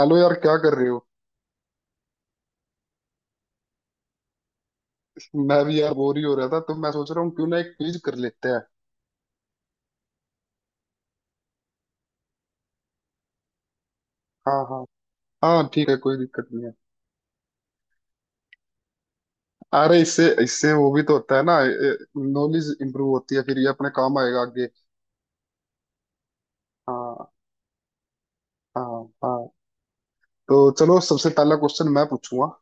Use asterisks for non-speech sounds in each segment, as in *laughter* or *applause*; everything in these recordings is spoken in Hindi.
हेलो यार, क्या कर रहे हो। मैं भी यार बोर ही हो रहा था, तो मैं सोच रहा हूँ क्यों ना एक क्विज कर लेते हैं। हाँ हाँ। हाँ ठीक है, कोई दिक्कत नहीं है। अरे इससे इससे वो भी तो होता है ना। नॉलेज इंप्रूव होती है, फिर ये अपने काम आएगा आगे। हाँ। हाँ हाँ। तो चलो, सबसे पहला क्वेश्चन मैं पूछूंगा।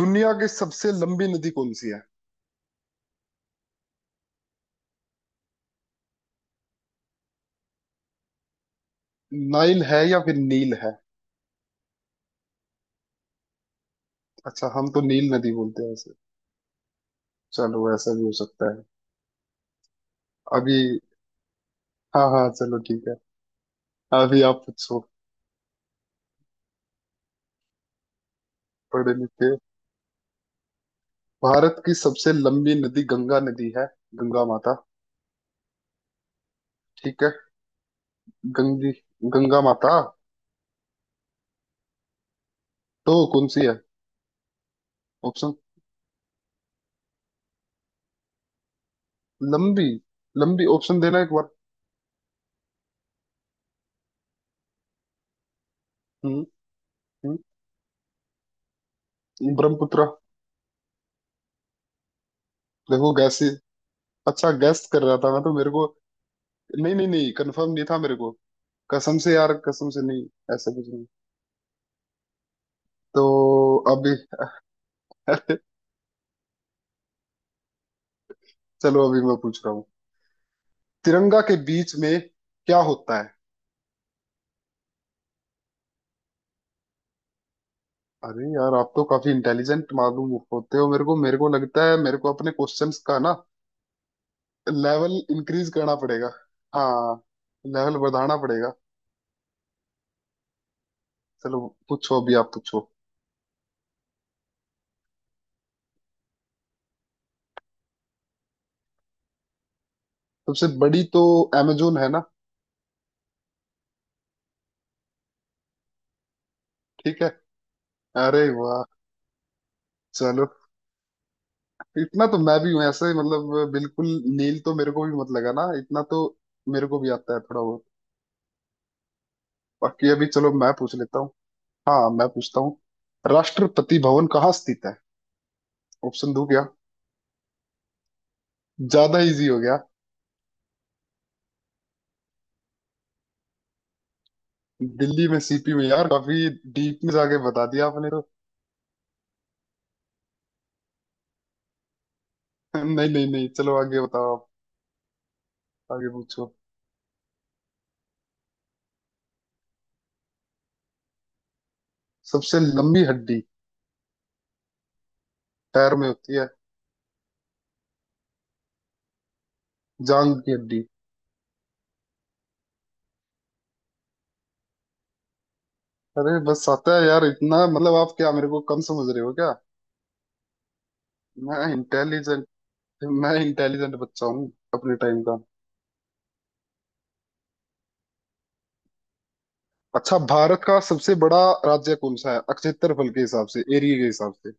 दुनिया की सबसे लंबी नदी कौन सी है। नाइल है या फिर नील है। अच्छा, हम तो नील नदी बोलते हैं ऐसे। चलो, ऐसा भी हो सकता है। अभी। हाँ हाँ, चलो ठीक है। अभी आप पूछो। पढ़े लिखे। भारत की सबसे लंबी नदी गंगा नदी है। गंगा माता। ठीक है। गंगी। गंगा माता। तो कौन सी है। ऑप्शन। लंबी। लंबी ऑप्शन देना एक बार। हम्म। हम्म, ब्रह्मपुत्र। देखो गैस। अच्छा गैस कर रहा था मैं, तो मेरे को। नहीं नहीं नहीं, कंफर्म नहीं था मेरे को। कसम से यार, कसम से नहीं। ऐसा कुछ नहीं। तो अभी *laughs* चलो, अभी मैं पूछ रहा हूँ। तिरंगा के बीच में क्या होता है। अरे यार, आप तो काफी इंटेलिजेंट मालूम होते हो। मेरे को लगता है मेरे को अपने क्वेश्चंस का ना लेवल इंक्रीज करना पड़ेगा। हाँ। लेवल बढ़ाना पड़ेगा। चलो, पूछो, अभी आप पूछो। सबसे बड़ी तो अमेजोन है ना। ठीक है। अरे वाह, चलो। इतना तो मैं भी हूँ ऐसे, मतलब बिल्कुल। नील तो मेरे को भी मत लगा ना इतना तो। मेरे को भी आता है थोड़ा बहुत। बाकी अभी चलो मैं पूछ लेता हूँ। हाँ, मैं पूछता हूँ। राष्ट्रपति भवन कहाँ स्थित है। ऑप्शन दो क्या। ज्यादा इजी हो गया। दिल्ली में, सीपी में, यार काफी डीप में जाके बता दिया आपने तो। *laughs* नहीं नहीं नहीं, चलो आगे बताओ आप। आगे पूछो। सबसे लंबी हड्डी पैर में होती है। जांग की हड्डी। अरे बस आता है यार इतना। मतलब आप क्या मेरे को कम समझ रहे हो क्या। मैं इंटेलिजेंट। मैं इंटेलिजेंट बच्चा हूँ अपने टाइम का। अच्छा, भारत का सबसे बड़ा राज्य कौन सा है क्षेत्रफल के हिसाब से, एरिया के हिसाब से।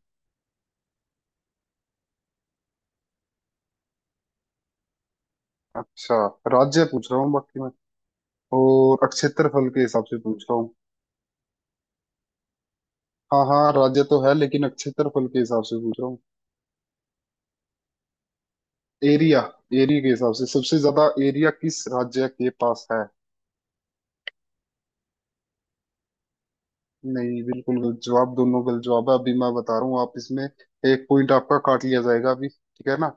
अच्छा, राज्य पूछ रहा हूँ बाकी मैं, और क्षेत्रफल के हिसाब से पूछ रहा हूँ। हाँ हाँ, राज्य तो है, लेकिन क्षेत्रफल के हिसाब से पूछ रहा हूँ। एरिया। एरिया के हिसाब से सबसे ज्यादा एरिया किस राज्य के पास है। नहीं, बिल्कुल गलत जवाब, दोनों गलत जवाब है। अभी मैं बता रहा हूँ, आप इसमें एक पॉइंट आपका काट लिया जाएगा अभी, ठीक है ना।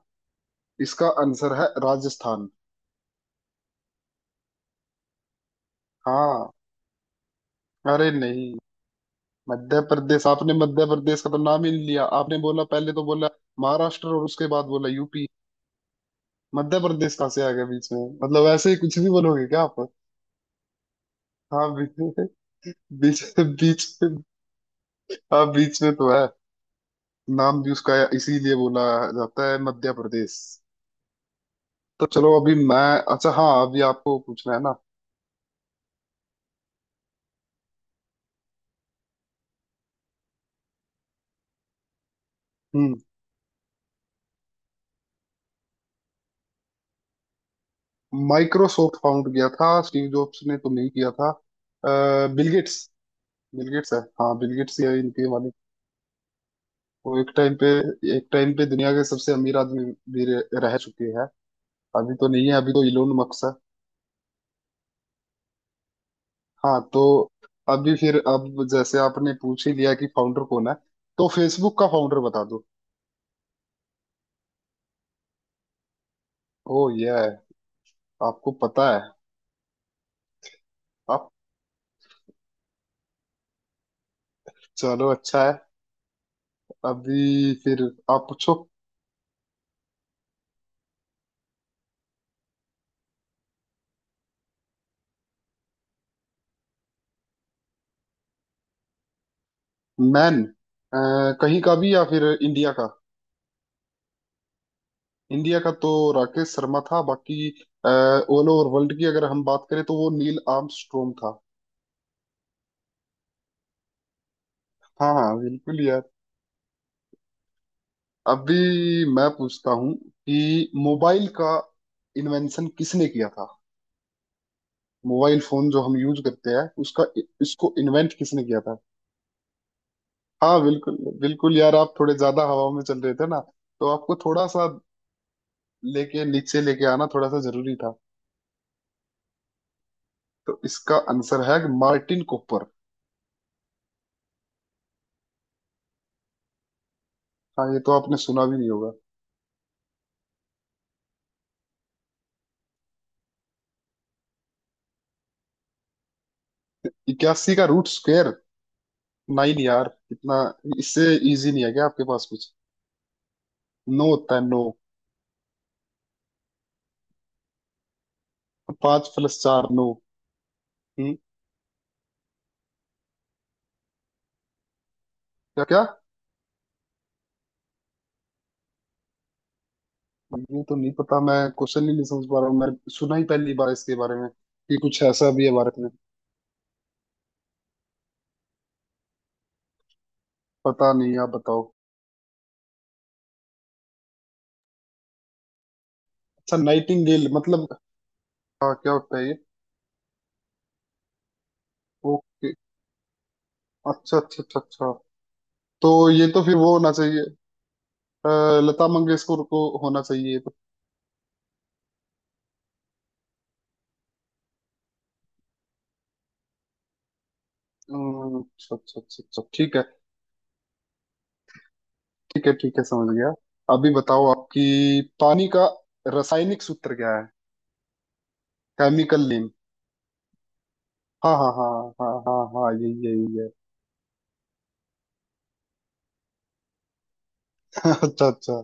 इसका आंसर है राजस्थान। हाँ, अरे नहीं। मध्य प्रदेश, आपने मध्य प्रदेश का तो नाम ही नहीं लिया। आपने बोला पहले तो बोला महाराष्ट्र, और उसके बाद बोला यूपी। मध्य प्रदेश कहाँ से आ गया बीच में। मतलब ऐसे ही कुछ भी बोलोगे क्या आप। हाँ बीच। बीच। बीच। हाँ, बीच में तो है। नाम भी उसका इसीलिए बोला जाता है मध्य प्रदेश। तो चलो अभी मैं। अच्छा, हाँ अभी आपको पूछना है ना। हम्म। माइक्रोसॉफ्ट फाउंड किया था स्टीव जॉब्स ने तो नहीं किया था। Bill Gates. बिल गेट्स है, हाँ, बिल गेट्स ही है इनके मालिक। वो एक टाइम पे, एक टाइम पे दुनिया के सबसे अमीर आदमी भी रह रह चुके हैं। अभी तो नहीं है, अभी तो इलोन मस्क है। हाँ। तो अभी फिर अब जैसे आपने पूछ ही लिया कि फाउंडर कौन है, तो फेसबुक का फाउंडर बता दो। ओ, ये है। आपको पता है। आप। चलो अच्छा है। अभी फिर आप पूछो। मैन। अ, कहीं का भी या फिर इंडिया का। इंडिया का तो राकेश शर्मा था। बाकी ऑल ओवर वर्ल्ड की अगर हम बात करें, तो वो नील आर्मस्ट्रॉन्ग था। हाँ हाँ, बिल्कुल यार। अभी मैं पूछता हूँ कि मोबाइल का इन्वेंशन किसने किया था। मोबाइल फोन जो हम यूज करते हैं उसका, इसको इन्वेंट किसने किया था। हाँ बिल्कुल, बिल्कुल यार, आप थोड़े ज्यादा हवा में चल रहे थे ना, तो आपको थोड़ा सा लेके नीचे, लेके आना थोड़ा सा जरूरी था। तो इसका आंसर है मार्टिन कूपर। हाँ, ये तो आपने सुना भी नहीं होगा। इक्यासी का रूट स्क्वायर नाइन यार, इतना। इससे इजी नहीं है क्या आपके पास कुछ। नौ होता है, नौ। पांच प्लस चार, नौ। हम्म। क्या क्या। ये तो नहीं पता, मैं क्वेश्चन ही नहीं समझ पा रहा हूँ। मैंने सुना ही पहली बार इसके बारे में कि कुछ ऐसा भी है भारत में। पता नहीं, आप बताओ। अच्छा, नाइटिंगेल मतलब हाँ, क्या होता है ये। ओके, अच्छा अच्छा अच्छा अच्छा। तो ये तो फिर वो होना चाहिए। अ, लता मंगेशकर को होना चाहिए ये तो। अच्छा अच्छा अच्छा अच्छा, ठीक है। ठीक है ठीक है, समझ गया। अभी बताओ आपकी। पानी का रासायनिक सूत्र क्या है। Chemical name. हाँ हाँ हाँ। हाँ हाँ हाँ, यही यही है। *laughs* अच्छा अच्छा।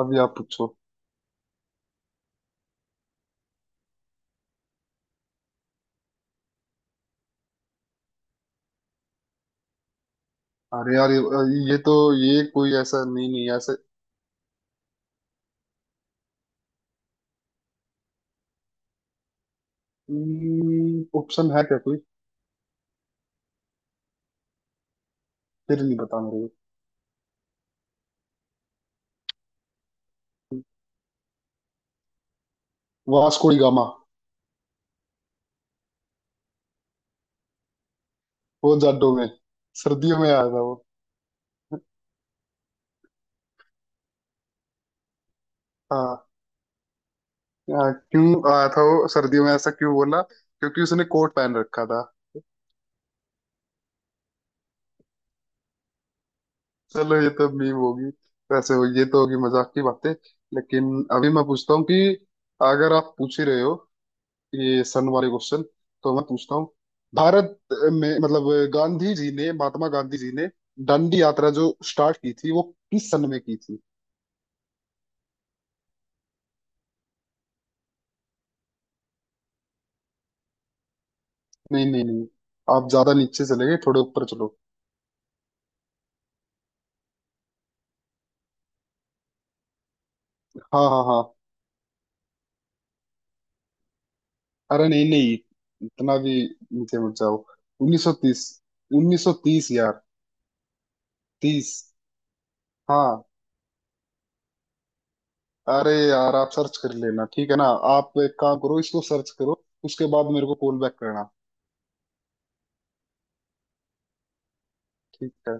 अभी आप पूछो। अरे यार, ये तो, ये कोई ऐसा नहीं, नहीं ऐसे। ऑप्शन है क्या कोई। फिर नहीं पता मेरे को। Vasco da Gama. वो जाडो में, सर्दियों में आया था वो। हाँ। हाँ, क्यों आया था वो सर्दियों में, ऐसा क्यों बोला, क्योंकि उसने कोट पहन रखा था। चलो, ये तो मीम होगी वैसे, हो ये तो होगी मजाक की बातें। लेकिन अभी मैं पूछता हूँ कि, अगर आप पूछ ही रहे हो ये सन वाले क्वेश्चन, तो मैं पूछता हूँ। भारत में मतलब गांधी जी ने, महात्मा गांधी जी ने दांडी यात्रा जो स्टार्ट की थी वो किस सन में की थी। नहीं नहीं नहीं, आप ज्यादा नीचे चले गए, थोड़े ऊपर चलो। हाँ हाँ हाँ। अरे नहीं नहीं, इतना भी नीचे मत जाओ। 1930, 1930 यार। तीस। हाँ। अरे यार, आप सर्च कर लेना, ठीक है ना। आप एक काम करो, इसको सर्च करो, उसके बाद मेरे को कॉल बैक करना। ठीक है।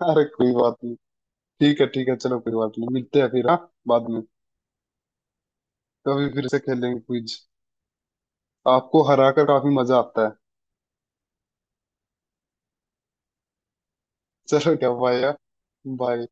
*laughs* अरे कोई बात नहीं। ठीक है ठीक है, चलो कोई बात नहीं, मिलते हैं फिर हाँ, बाद में कभी फिर से खेलेंगे क्विज। आपको हरा कर काफी मजा आता है। *laughs* चलो, क्या, बाय यार। बाय।